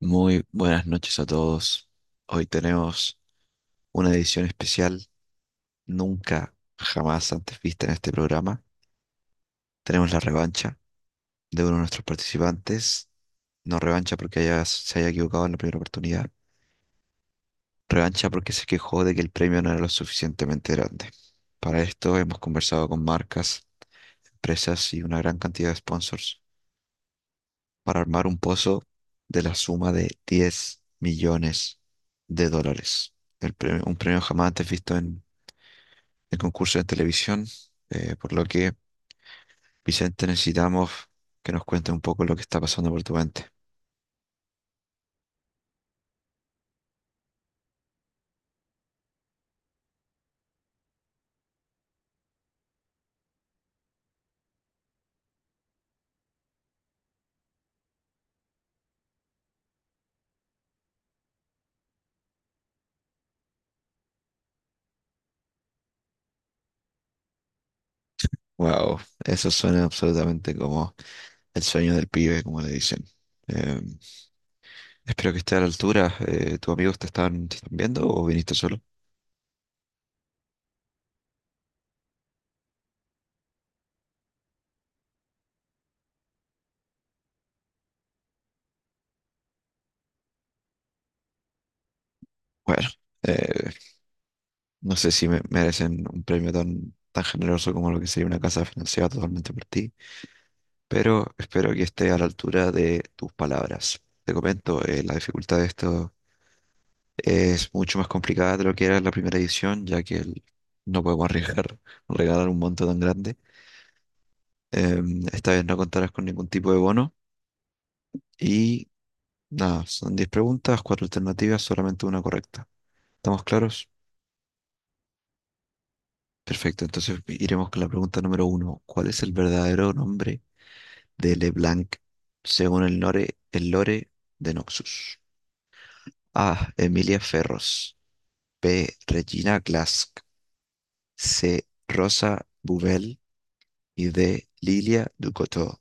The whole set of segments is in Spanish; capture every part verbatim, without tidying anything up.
Muy buenas noches a todos. Hoy tenemos una edición especial nunca jamás antes vista en este programa. Tenemos la revancha de uno de nuestros participantes. No revancha porque haya- se haya equivocado en la primera oportunidad. Revancha porque se quejó de que el premio no era lo suficientemente grande. Para esto hemos conversado con marcas, empresas y una gran cantidad de sponsors para armar un pozo de la suma de diez millones de dólares. El premio- un premio jamás antes visto en de concursos de televisión, eh, por lo que, Vicente, necesitamos que nos cuente un poco lo que está pasando por tu mente. Wow, eso suena absolutamente como el sueño del pibe, como le dicen. Eh, Espero que esté a la altura. Eh, ¿tus amigos te están, te están viendo o viniste solo? Bueno, eh, no sé si me- merecen un premio tan, tan generoso como lo que sería una casa financiada totalmente por ti, pero espero que esté a la altura de tus palabras. Te comento, eh, la dificultad de esto es mucho más complicada de lo que era la primera edición, ya que el- no podemos arriesgar regalar un monto tan grande. Em, esta vez no contarás con ningún tipo de bono. Y nada, son diez preguntas, cuatro alternativas, solamente una correcta. ¿Estamos claros? Perfecto, entonces iremos con la pregunta número uno. ¿Cuál es el verdadero nombre de LeBlanc según el lore, el lore de Noxus? A. Emilia Ferros. B. Regina Glask. C. Rosa Bubel y de Lilia Ducotto,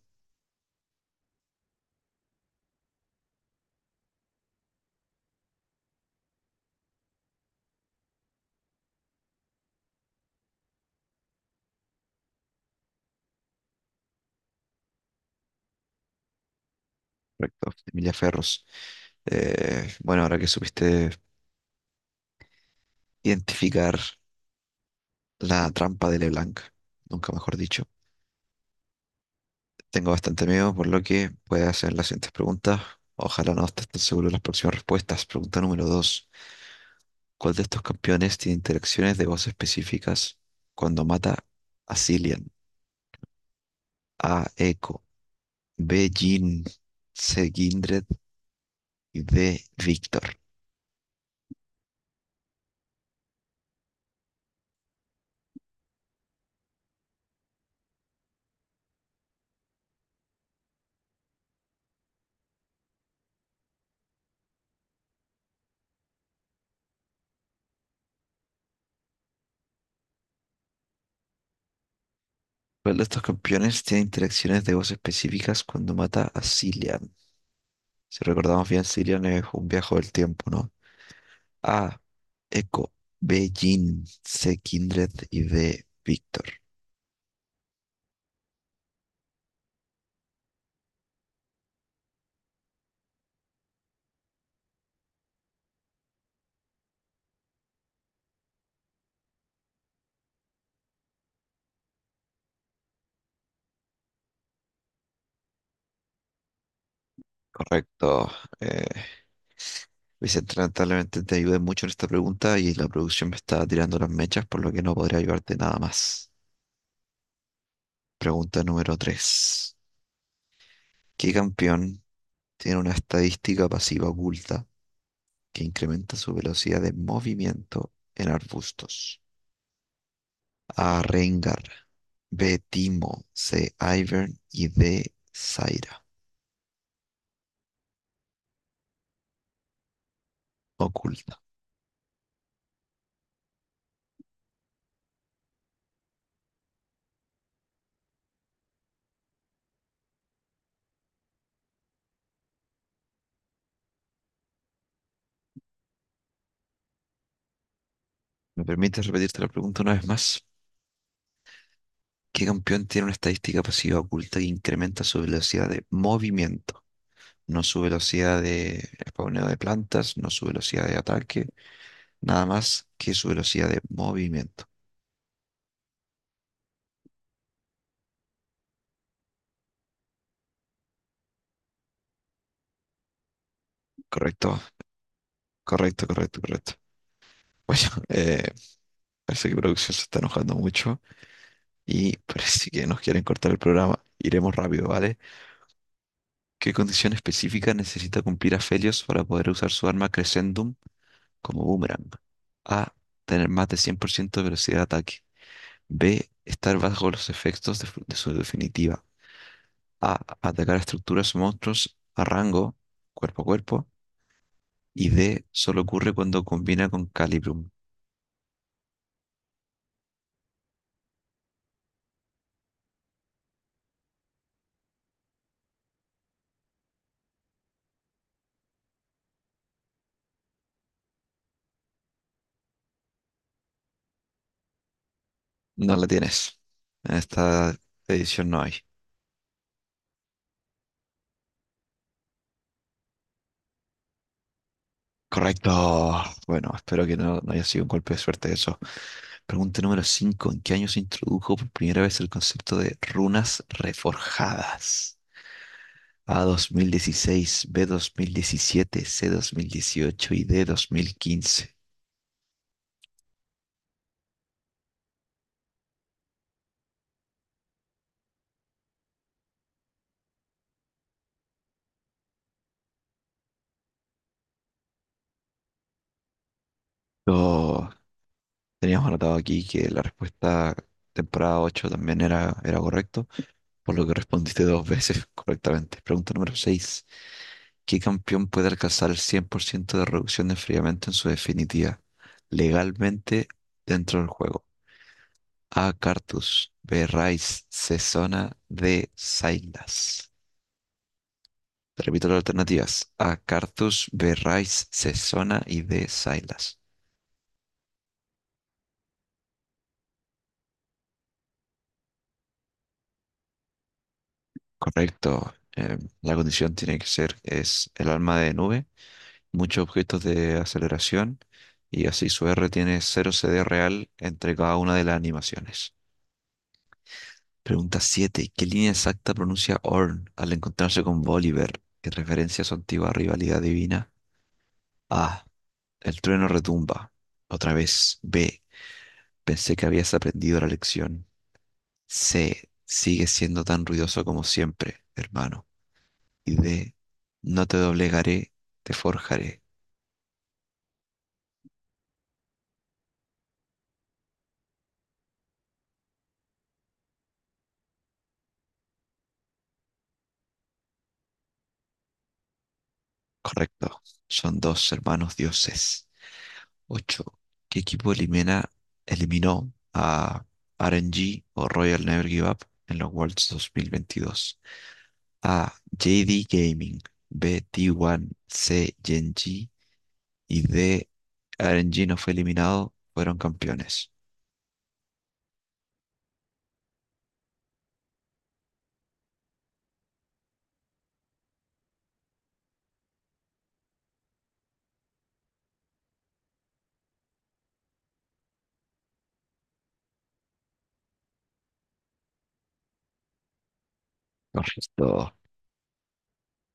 correcto, de Emilia Ferros. Eh, bueno, ahora que supiste identificar la trampa de LeBlanc, nunca mejor dicho, tengo bastante miedo, por lo que voy a hacer las siguientes preguntas. Ojalá no estés tan seguro de las próximas respuestas. Pregunta número dos: ¿Cuál de estos campeones tiene interacciones de voz específicas cuando mata a Cillian? A. Echo, B. Jin, C. Kindred y D. Victor. ¿Cuál de estos campeones tiene interacciones de voz específicas cuando mata a Cillian? Si recordamos bien, Cillian es un viaje del tiempo, ¿no? A. Echo. B. Jin. C. Kindred. Y D. Víctor. Correcto. Eh, Vicente, lamentablemente te ayudé mucho en esta pregunta y la producción me está tirando las mechas, por lo que no podría ayudarte nada más. Pregunta número tres. ¿Qué campeón tiene una estadística pasiva oculta que incrementa su velocidad de movimiento en arbustos? A. Rengar, B. Timo, C. Ivern y D. Zaira, oculta. ¿Me permites repetirte la pregunta una vez más? ¿Qué campeón tiene una estadística pasiva oculta que incrementa su velocidad de movimiento? No su velocidad de spawneo de plantas, no su velocidad de ataque, nada más que su velocidad de movimiento. ¿Correcto? Correcto, correcto, correcto. Bueno, eh, parece que producción se está enojando mucho y parece que nos quieren cortar el programa. Iremos rápido, ¿vale? ¿Qué condición específica necesita cumplir Aphelios para poder usar su arma Crescendum como boomerang? A. Tener más de cien por ciento de velocidad de ataque. B. Estar bajo los efectos de, de, su definitiva. A. Atacar a estructuras o monstruos a rango, cuerpo a cuerpo. Y D. Solo ocurre cuando combina con Calibrum. No la tienes. En esta edición no hay. Correcto. Bueno, espero que no, no haya sido un golpe de suerte eso. Pregunta número cinco: ¿En qué año se introdujo por primera vez el concepto de runas reforjadas? A dos mil dieciséis, B dos mil diecisiete, C dos mil dieciocho y D dos mil quince. Yo- teníamos anotado aquí que la respuesta temporada ocho también era, era correcto, por lo que respondiste dos veces correctamente. Pregunta número seis: ¿Qué campeón puede alcanzar el cien por ciento de reducción de enfriamiento en su definitiva legalmente dentro del juego? A. Cartus. B. Rice. C. Zona. D. Silas. Te repito las alternativas. A. Cartus. B. Rice. C. Zona y D. Silas. Correcto. Eh, la condición tiene que ser es el alma de nube, muchos objetos de aceleración y así su R tiene cero C D real entre cada una de las animaciones. Pregunta siete: ¿Qué línea exacta pronuncia Orn al encontrarse con Bolívar? ¿Qué referencia a su antigua rivalidad divina? A. El trueno retumba. Otra vez. B. Pensé que habías aprendido la lección. C. Sigue siendo tan ruidoso como siempre, hermano. Y D. No te doblegaré, te forjaré. Correcto. Son dos hermanos dioses. Ocho, ¿qué equipo elimina, eliminó a R N G o Royal Never Give Up en los Worlds dos mil veintidós? A. J D Gaming. B. T uno. C. gen G. Y D. R N G no fue eliminado, fueron campeones. Correcto.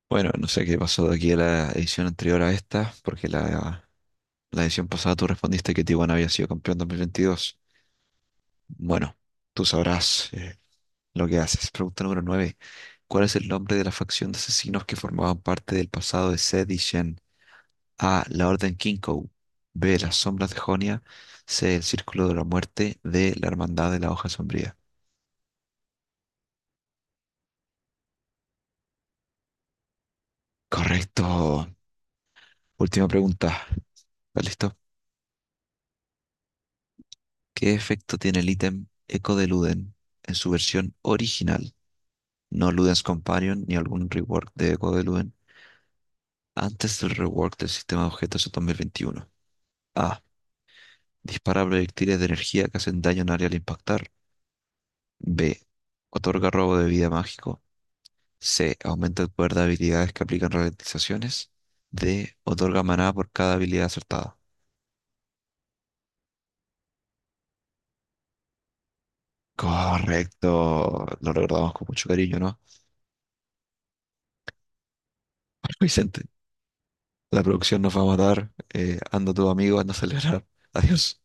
Bueno, no sé qué pasó de aquí a la edición anterior a esta, porque la, la edición pasada tú respondiste que Tijuana había sido campeón dos mil veintidós. Bueno, tú sabrás eh, lo que haces. Pregunta número nueve. ¿Cuál es el nombre de la facción de asesinos que formaban parte del pasado de Zed y Shen? A. La Orden Kinkou. B. Las Sombras de Jonia. C. El Círculo de la Muerte. D. La Hermandad de la Hoja Sombría. Correcto. Última pregunta. ¿Estás listo? ¿Qué efecto tiene el ítem Echo de Luden en su versión original? No Luden's Companion ni algún rework de Echo de Luden antes del rework del sistema de objetos en dos mil veintiuno. A. Dispara proyectiles de energía que hacen daño en área al impactar. B. Otorga robo de vida mágico. C. Aumenta el poder de habilidades que aplican ralentizaciones. D. Otorga maná por cada habilidad acertada. Correcto. Lo recordamos con mucho cariño, ¿no? Vicente. La producción nos va a matar. Eh, anda tu amigo, anda a celebrar. Adiós.